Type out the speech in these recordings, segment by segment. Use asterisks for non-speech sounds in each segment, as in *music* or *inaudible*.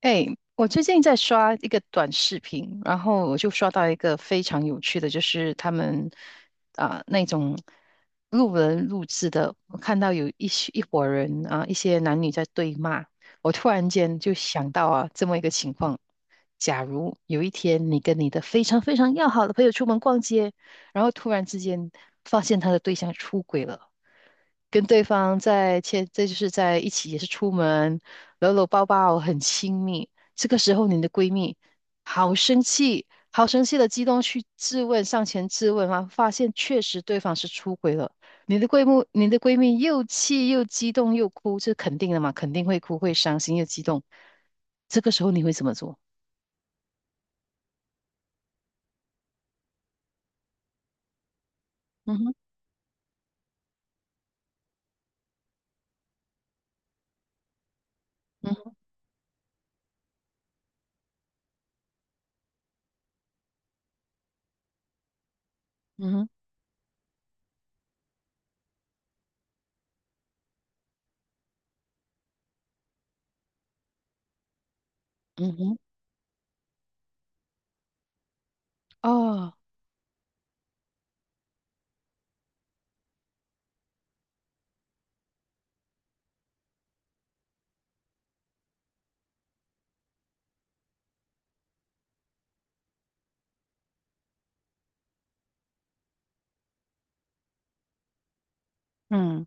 哎，我最近在刷一个短视频，然后我就刷到一个非常有趣的，就是他们啊、那种路人录制的，我看到有一些一伙人啊、一些男女在对骂，我突然间就想到啊这么一个情况：假如有一天你跟你的非常要好的朋友出门逛街，然后突然之间发现他的对象出轨了，跟对方在切，这就是在一起，也是出门搂搂抱抱，很亲密。这个时候，你的闺蜜好生气，好生气的激动去质问，上前质问啊，发现确实对方是出轨了。你的闺蜜又气又激动又哭，这肯定的嘛，肯定会哭，会伤心又激动。这个时候你会怎么做？嗯哼，嗯哼，嗯哼，嗯哼，哦，嗯，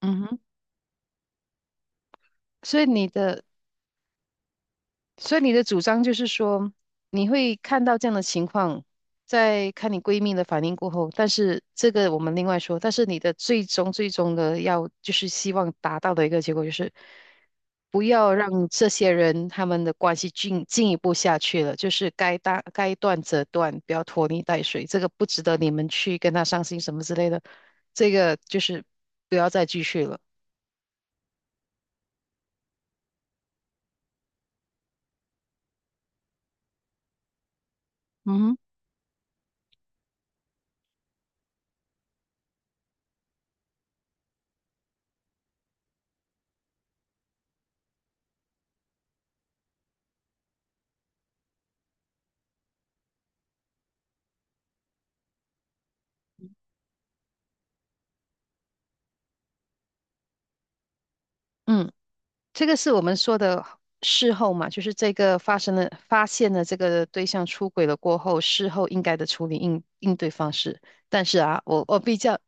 嗯哼，所以你的所以你的主张就是说，你会看到这样的情况，在看你闺蜜的反应过后，但是这个我们另外说，但是你的最终的要就是希望达到的一个结果就是，不要让这些人他们的关系进一步下去了，就是该大，该断则断，不要拖泥带水，这个不值得你们去跟他伤心什么之类的，这个就是不要再继续了。嗯哼，嗯。这个是我们说的事后嘛，就是这个发生了，发现了这个对象出轨了过后，事后应该的处理应对方式。但是啊，我比较，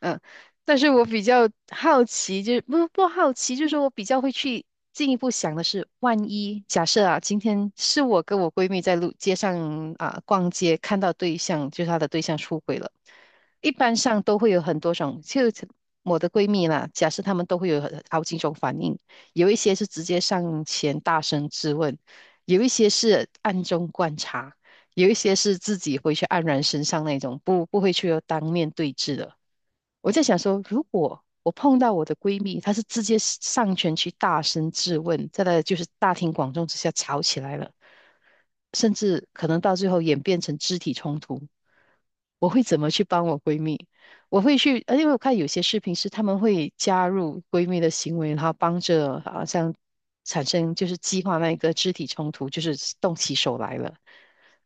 嗯，但是我比较好奇，就是不不好奇，就是说我比较会去进一步想的是，万一假设啊，今天是我跟我闺蜜在路街上啊逛街，看到对象，就是她的对象出轨了。一般上都会有很多种，就我的闺蜜啦，假设她们都会有很好几种反应。有一些是直接上前大声质问，有一些是暗中观察，有一些是自己回去黯然神伤那种，不会去当面对质的。我在想说，如果我碰到我的闺蜜，她是直接上前去大声质问，在那就是大庭广众之下吵起来了，甚至可能到最后演变成肢体冲突，我会怎么去帮我闺蜜？我会去，因为我看有些视频是她们会加入闺蜜的行为，然后帮着好像产生就是激化那个肢体冲突，就是动起手来了。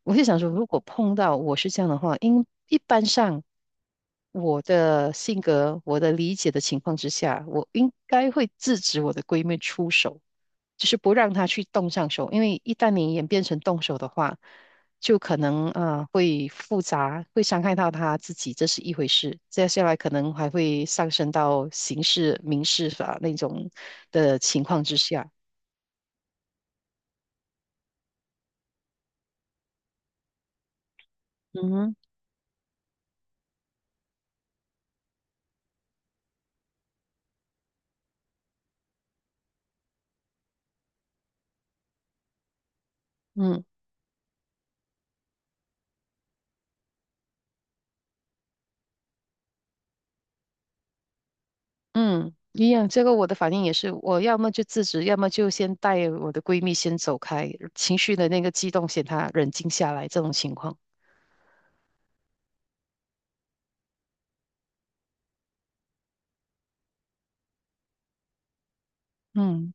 我就想说，如果碰到我是这样的话，因一般上我的性格、我的理解的情况之下，我应该会制止我的闺蜜出手，就是不让她去动上手，因为一旦你演变成动手的话，就可能啊、会复杂，会伤害到她自己，这是一回事。接下来可能还会上升到刑事、民事法那种的情况之下。嗯哼嗯。嗯，一样，这个我的反应也是，我要么就制止，要么就先带我的闺蜜先走开，情绪的那个激动，先她冷静下来，这种情况。嗯。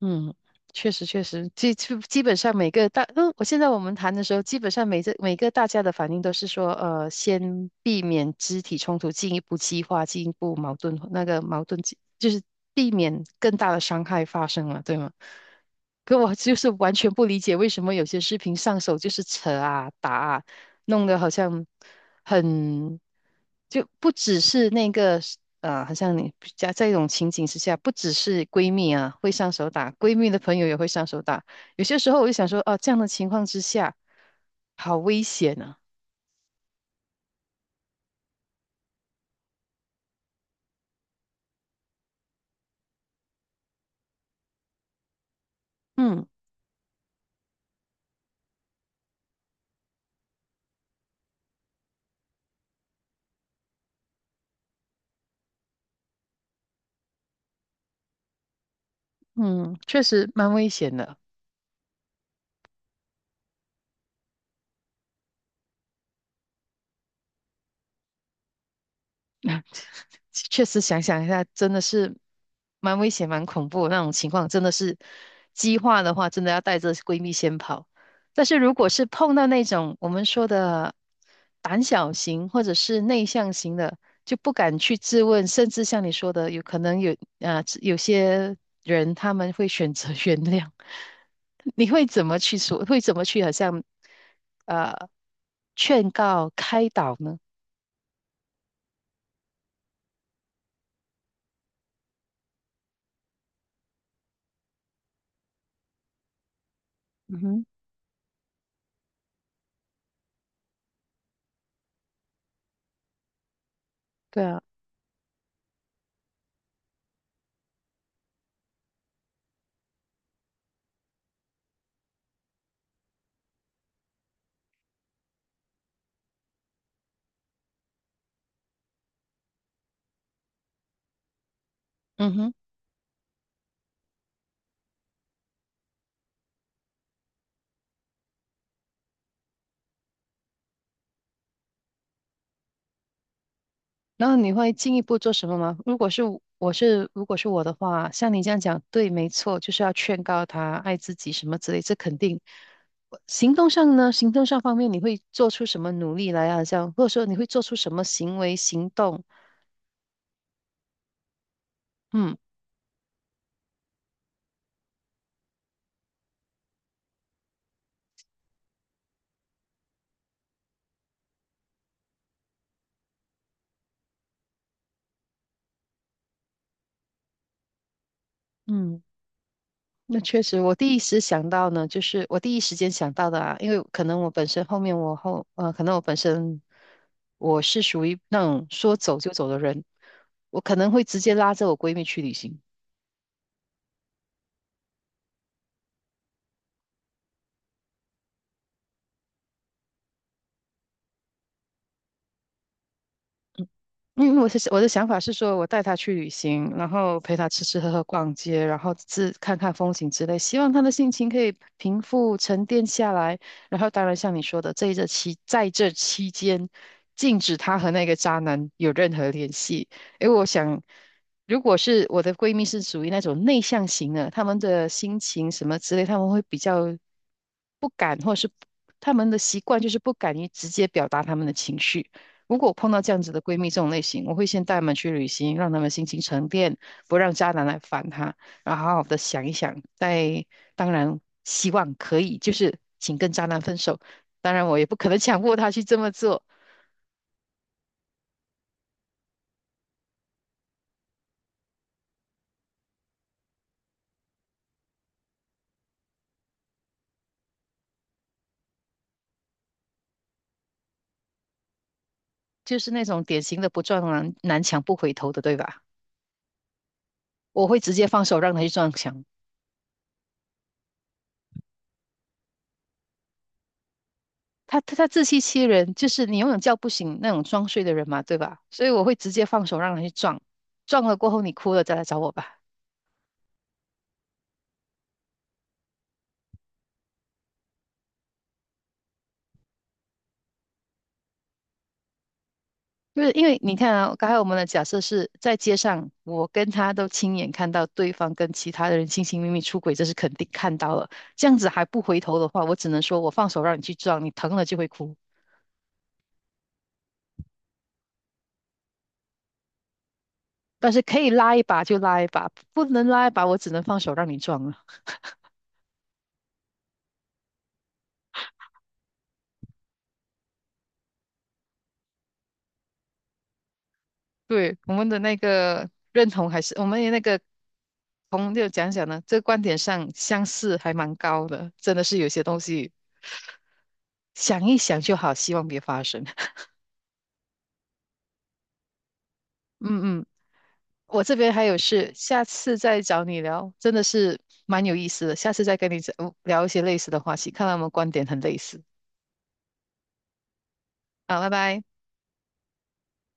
嗯，确实，基本上每个大，嗯，我现在我们谈的时候，基本上每次每个大家的反应都是说，先避免肢体冲突，进一步激化，进一步矛盾，那个矛盾激就是避免更大的伤害发生了，对吗？可我就是完全不理解为什么有些视频上手就是扯啊打啊，弄得好像。很，就不只是那个好像你在一种情景之下，不只是闺蜜啊会上手打，闺蜜的朋友也会上手打。有些时候我就想说，哦、这样的情况之下，好危险啊！嗯嗯，确实蛮危险的。*laughs* 确实想想一下，真的是蛮危险、蛮恐怖的那种情况，真的是激化的话，真的要带着闺蜜先跑。但是如果是碰到那种我们说的胆小型或者是内向型的，就不敢去质问，甚至像你说的，有可能有啊、有些人他们会选择 *laughs* 原谅。你会怎么去说？会怎么去好像啊，劝告、开导呢？嗯哼，对啊。嗯哼。然后你会进一步做什么吗？如果是我是如果是我的话，像你这样讲，对，没错，就是要劝告他爱自己什么之类，这肯定。行动上呢，行动上方面你会做出什么努力来啊？这样，或者说你会做出什么行为行动？嗯嗯，那确实，我第一时间想到的啊，因为可能我本身后面我后可能我本身我是属于那种说走就走的人，我可能会直接拉着我闺蜜去旅行。因为我的想法是说，我带他去旅行，然后陪他吃吃喝喝、逛街，然后自看看风景之类，希望他的心情可以平复、沉淀下来。然后，当然像你说的，这一这期在这期间，禁止他和那个渣男有任何联系。因为我想，如果是我的闺蜜是属于那种内向型的，她们的心情什么之类，她们会比较不敢，或者是她们的习惯就是不敢于直接表达她们的情绪。如果碰到这样子的闺蜜这种类型，我会先带她们去旅行，让她们心情沉淀，不让渣男来烦她，然后好好的想一想。再当然，希望可以，就是请跟渣男分手。当然，我也不可能强迫她去这么做，就是那种典型的不撞南墙不回头的，对吧？我会直接放手让她去撞墙。她自欺欺人，就是你永远叫不醒那种装睡的人嘛，对吧？所以我会直接放手让她去撞，撞了过后你哭了再来找我吧。就是因为你看啊，刚才我们的假设是在街上，我跟他都亲眼看到对方跟其他的人亲亲密密出轨，这是肯定看到了。这样子还不回头的话，我只能说我放手让你去撞，你疼了就会哭。但是可以拉一把就拉一把，不能拉一把，我只能放手让你撞了。对，我们的那个认同还是我们的那个同就讲讲呢，这个观点上相似还蛮高的，真的是有些东西想一想就好，希望别发生。*laughs* 嗯我这边还有事，下次再找你聊，真的是蛮有意思的。下次再跟你讲聊一些类似的话题，看来我们观点很类似。好，拜拜。